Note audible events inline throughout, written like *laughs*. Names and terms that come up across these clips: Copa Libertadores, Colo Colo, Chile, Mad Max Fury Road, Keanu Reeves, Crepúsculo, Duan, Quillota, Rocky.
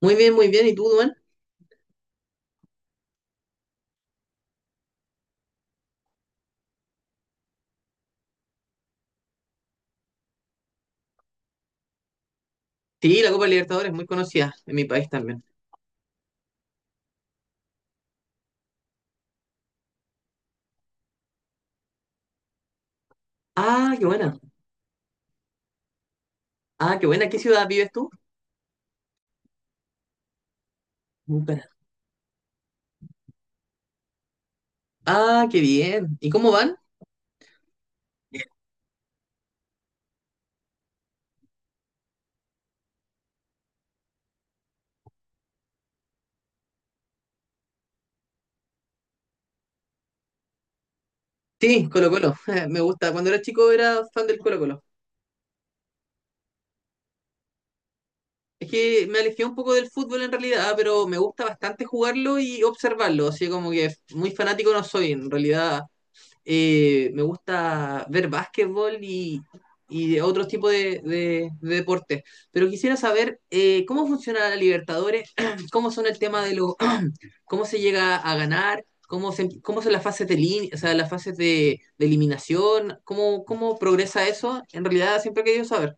Muy bien, muy bien. ¿Y tú, Duan? Sí, la Copa Libertadores es muy conocida en mi país también. Ah, qué buena. Ah, qué buena. ¿Qué ciudad vives tú? Bucara. Ah, qué bien. ¿Y cómo van? Sí, Colo Colo. *laughs* Me gusta. Cuando era chico era fan del Colo Colo. Es que me alejé un poco del fútbol en realidad, pero me gusta bastante jugarlo y observarlo. Así como que muy fanático no soy. En realidad me gusta ver básquetbol y de otros tipos de deportes. Pero quisiera saber cómo funciona la Libertadores, *clears throat* cómo son el tema de los, *clears throat* cómo se llega a ganar, cómo son las fases o sea, las fases de eliminación, cómo progresa eso. En realidad siempre he querido saber.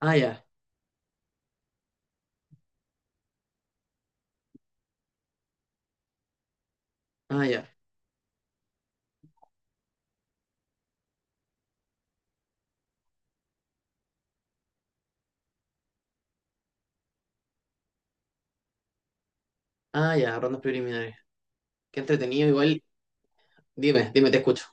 Ah, ya, ah, ya, ah, ya, rondas preliminares. Qué entretenido, igual. Dime, dime, te escucho.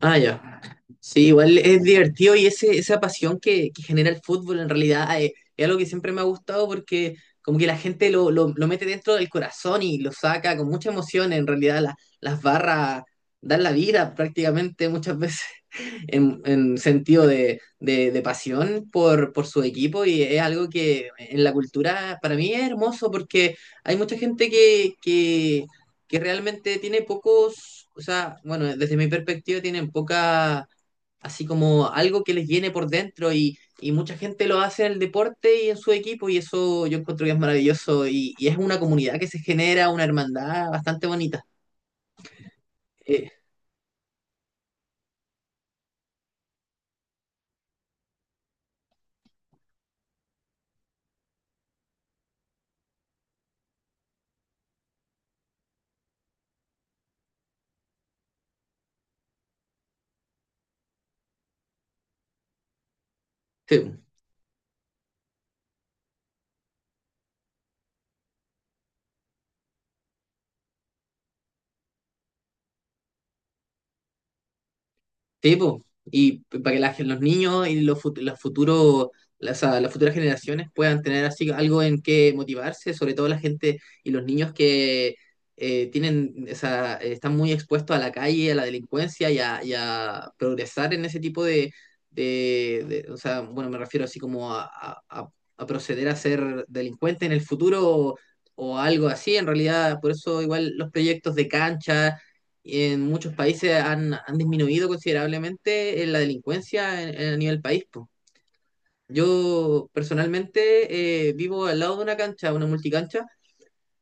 Ah, ya. Sí, igual es divertido y esa pasión que genera el fútbol en realidad, algo que siempre me ha gustado porque como que la gente lo mete dentro del corazón y lo saca con mucha emoción. En realidad las barras dan la vida prácticamente muchas *laughs* veces en sentido de pasión por su equipo, y es algo que en la cultura para mí es hermoso porque hay mucha gente que realmente tiene pocos, o sea, bueno, desde mi perspectiva tienen poca, así como algo que les llene por dentro, y mucha gente lo hace en el deporte y en su equipo, y eso yo encuentro que es maravilloso, y es una comunidad que se genera, una hermandad bastante bonita. Eh, sí. Sí, po. Para que la los niños y los futuros, las futuras generaciones puedan tener así algo en que motivarse, sobre todo la gente y los niños que tienen, o sea, están muy expuestos a la calle, a la delincuencia y a progresar en ese tipo o sea, bueno, me refiero así como a proceder a ser delincuente en el futuro o algo así, en realidad, por eso igual los proyectos de cancha en muchos países han disminuido considerablemente la delincuencia a nivel país, po. Yo personalmente vivo al lado de una cancha, una multicancha,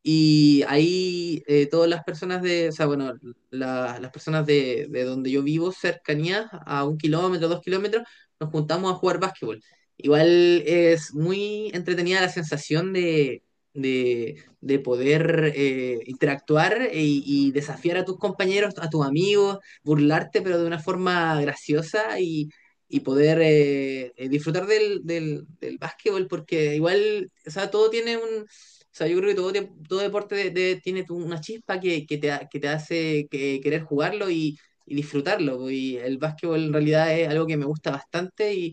y ahí todas las personas o sea, bueno, las personas de donde yo vivo, cercanías a 1 kilómetro, 2 kilómetros, nos juntamos a jugar básquetbol. Igual es muy entretenida la sensación de poder interactuar y desafiar a tus compañeros, a tus amigos, burlarte, pero de una forma graciosa, y poder disfrutar del básquetbol, porque igual, o sea, todo tiene yo creo que todo deporte tiene una chispa que que te querer jugarlo, y disfrutarlo. Po. Y el básquetbol en realidad es algo que me gusta bastante, y,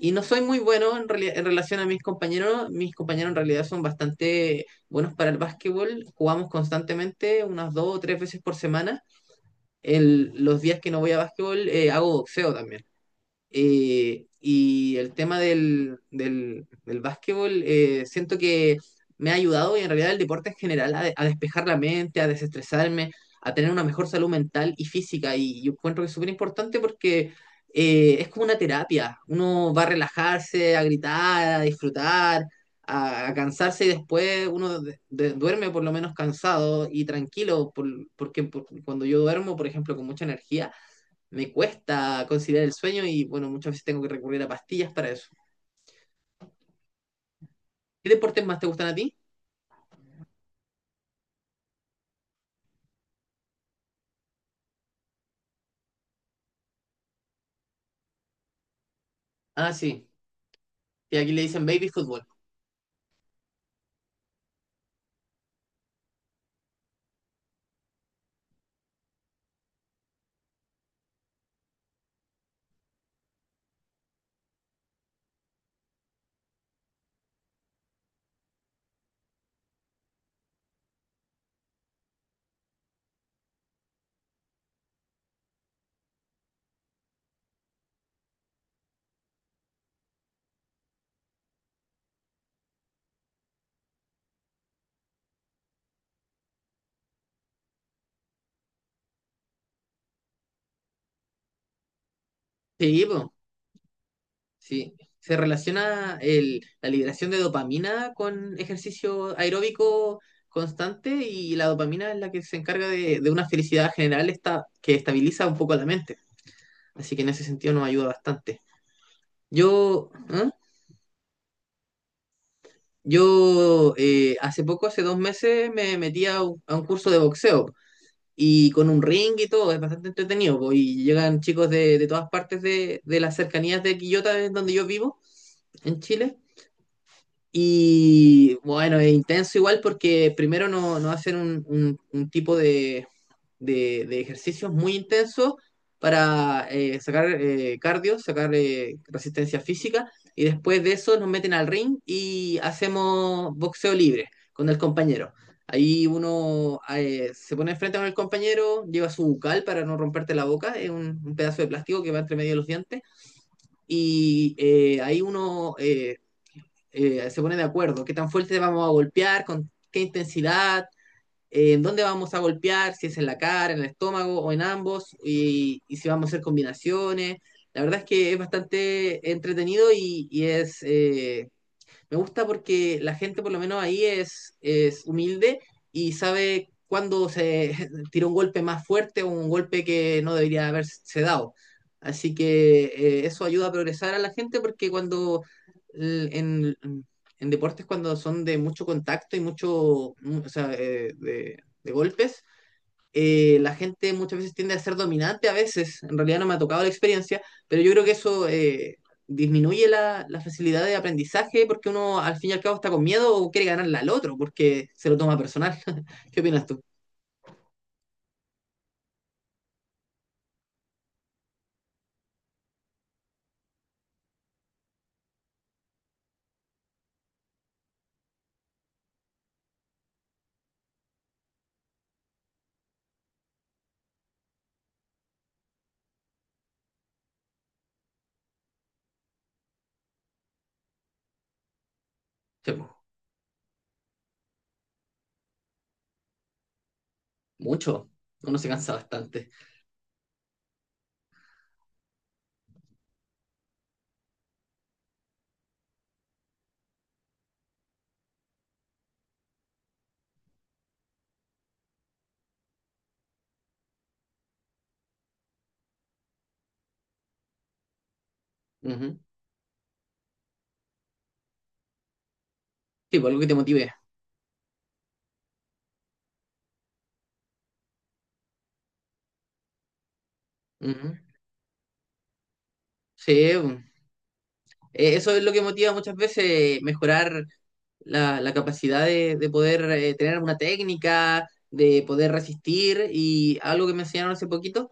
y no soy muy bueno en relación a mis compañeros. Mis compañeros en realidad son bastante buenos para el básquetbol. Jugamos constantemente unas dos o tres veces por semana. Los días que no voy a básquetbol, hago boxeo también. Y el tema del básquetbol, siento que me ha ayudado, y en realidad el deporte en general a despejar la mente, a desestresarme, a tener una mejor salud mental y física. Y yo encuentro que es súper importante porque es como una terapia. Uno va a relajarse, a gritar, a disfrutar, a cansarse, y después uno duerme por lo menos cansado y tranquilo, cuando yo duermo, por ejemplo, con mucha energía me cuesta conciliar el sueño, y bueno, muchas veces tengo que recurrir a pastillas para eso. ¿Qué deportes más te gustan a ti? Ah, sí. Y aquí le dicen baby fútbol. Sí, po, sí. Se relaciona la liberación de dopamina con ejercicio aeróbico constante, y la dopamina es la que se encarga de una felicidad general esta, que estabiliza un poco la mente. Así que en ese sentido nos ayuda bastante. Yo, ¿eh? Yo hace poco, hace 2 meses, me metí a un curso de boxeo. Y con un ring y todo, es bastante entretenido, po, y llegan chicos de todas partes de las cercanías de Quillota, es donde yo vivo, en Chile, y bueno, es intenso igual porque primero no hacen un tipo de ejercicios muy intensos para sacar cardio, sacar resistencia física, y después de eso nos meten al ring y hacemos boxeo libre con el compañero. Ahí uno, se pone enfrente con el compañero, lleva su bucal para no romperte la boca, es un pedazo de plástico que va entre medio de los dientes, ahí uno se pone de acuerdo qué tan fuerte vamos a golpear, con qué intensidad, en dónde vamos a golpear, si es en la cara, en el estómago o en ambos, y si vamos a hacer combinaciones. La verdad es que es bastante entretenido, y es me gusta porque la gente por lo menos ahí es humilde y sabe cuándo se *laughs* tira un golpe más fuerte o un golpe que no debería haberse dado. Así que eso ayuda a progresar a la gente porque l- en, en deportes cuando son de mucho contacto y o sea, de golpes, la gente muchas veces tiende a ser dominante, a veces. En realidad no me ha tocado la experiencia, pero yo creo que eso disminuye la facilidad de aprendizaje porque uno al fin y al cabo está con miedo o quiere ganarle al otro porque se lo toma personal. *laughs* ¿Qué opinas tú? Sí, pues, mucho, uno se cansa bastante. Ujú. Sí, pues, algo que te motive. Ujú. Sí, pues, eso es lo que motiva muchas veces, mejorar la capacidad de poder tener una técnica, de poder resistir, y algo que me enseñaron hace poquito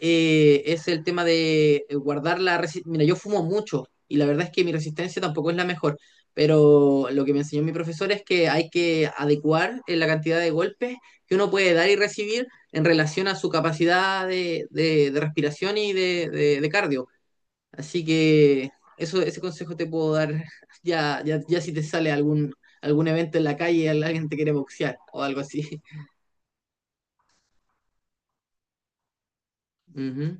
es el tema de guardar la resistencia. Mira, yo fumo mucho y la verdad es que mi resistencia tampoco es la mejor, pero lo que me enseñó mi profesor es que hay que adecuar la cantidad de golpes que uno puede dar y recibir en relación a su capacidad de respiración y de cardio. Así que ese consejo te puedo dar, *laughs* ya, ya, ya, si te sale algún evento en la calle y alguien te quiere boxear o algo así. *laughs* Ujú.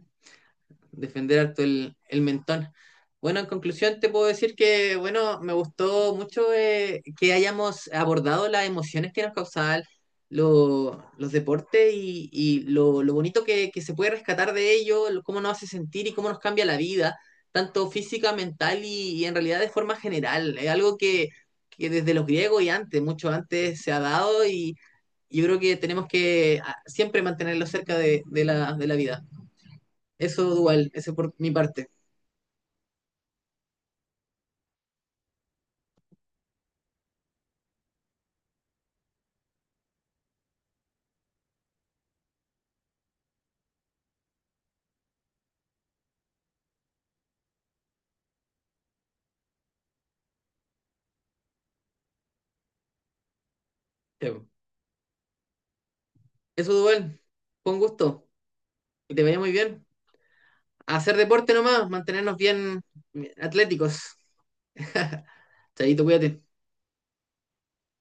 Defender harto el mentón. Bueno, en conclusión te puedo decir que, bueno, me gustó mucho que hayamos abordado las emociones que nos causaban los deportes, y lo bonito que se puede rescatar de ello, cómo nos hace sentir y cómo nos cambia la vida, tanto física, mental, y en realidad de forma general. Es algo que desde los griegos y antes, mucho antes, se ha dado, y yo creo que tenemos que siempre mantenerlo cerca de la vida. Eso dual, ese por mi parte. Sí, po. Eso dual, con gusto. Que te vaya muy bien. A hacer deporte nomás, mantenernos bien bien atléticos. *laughs* Chaito, cuídate.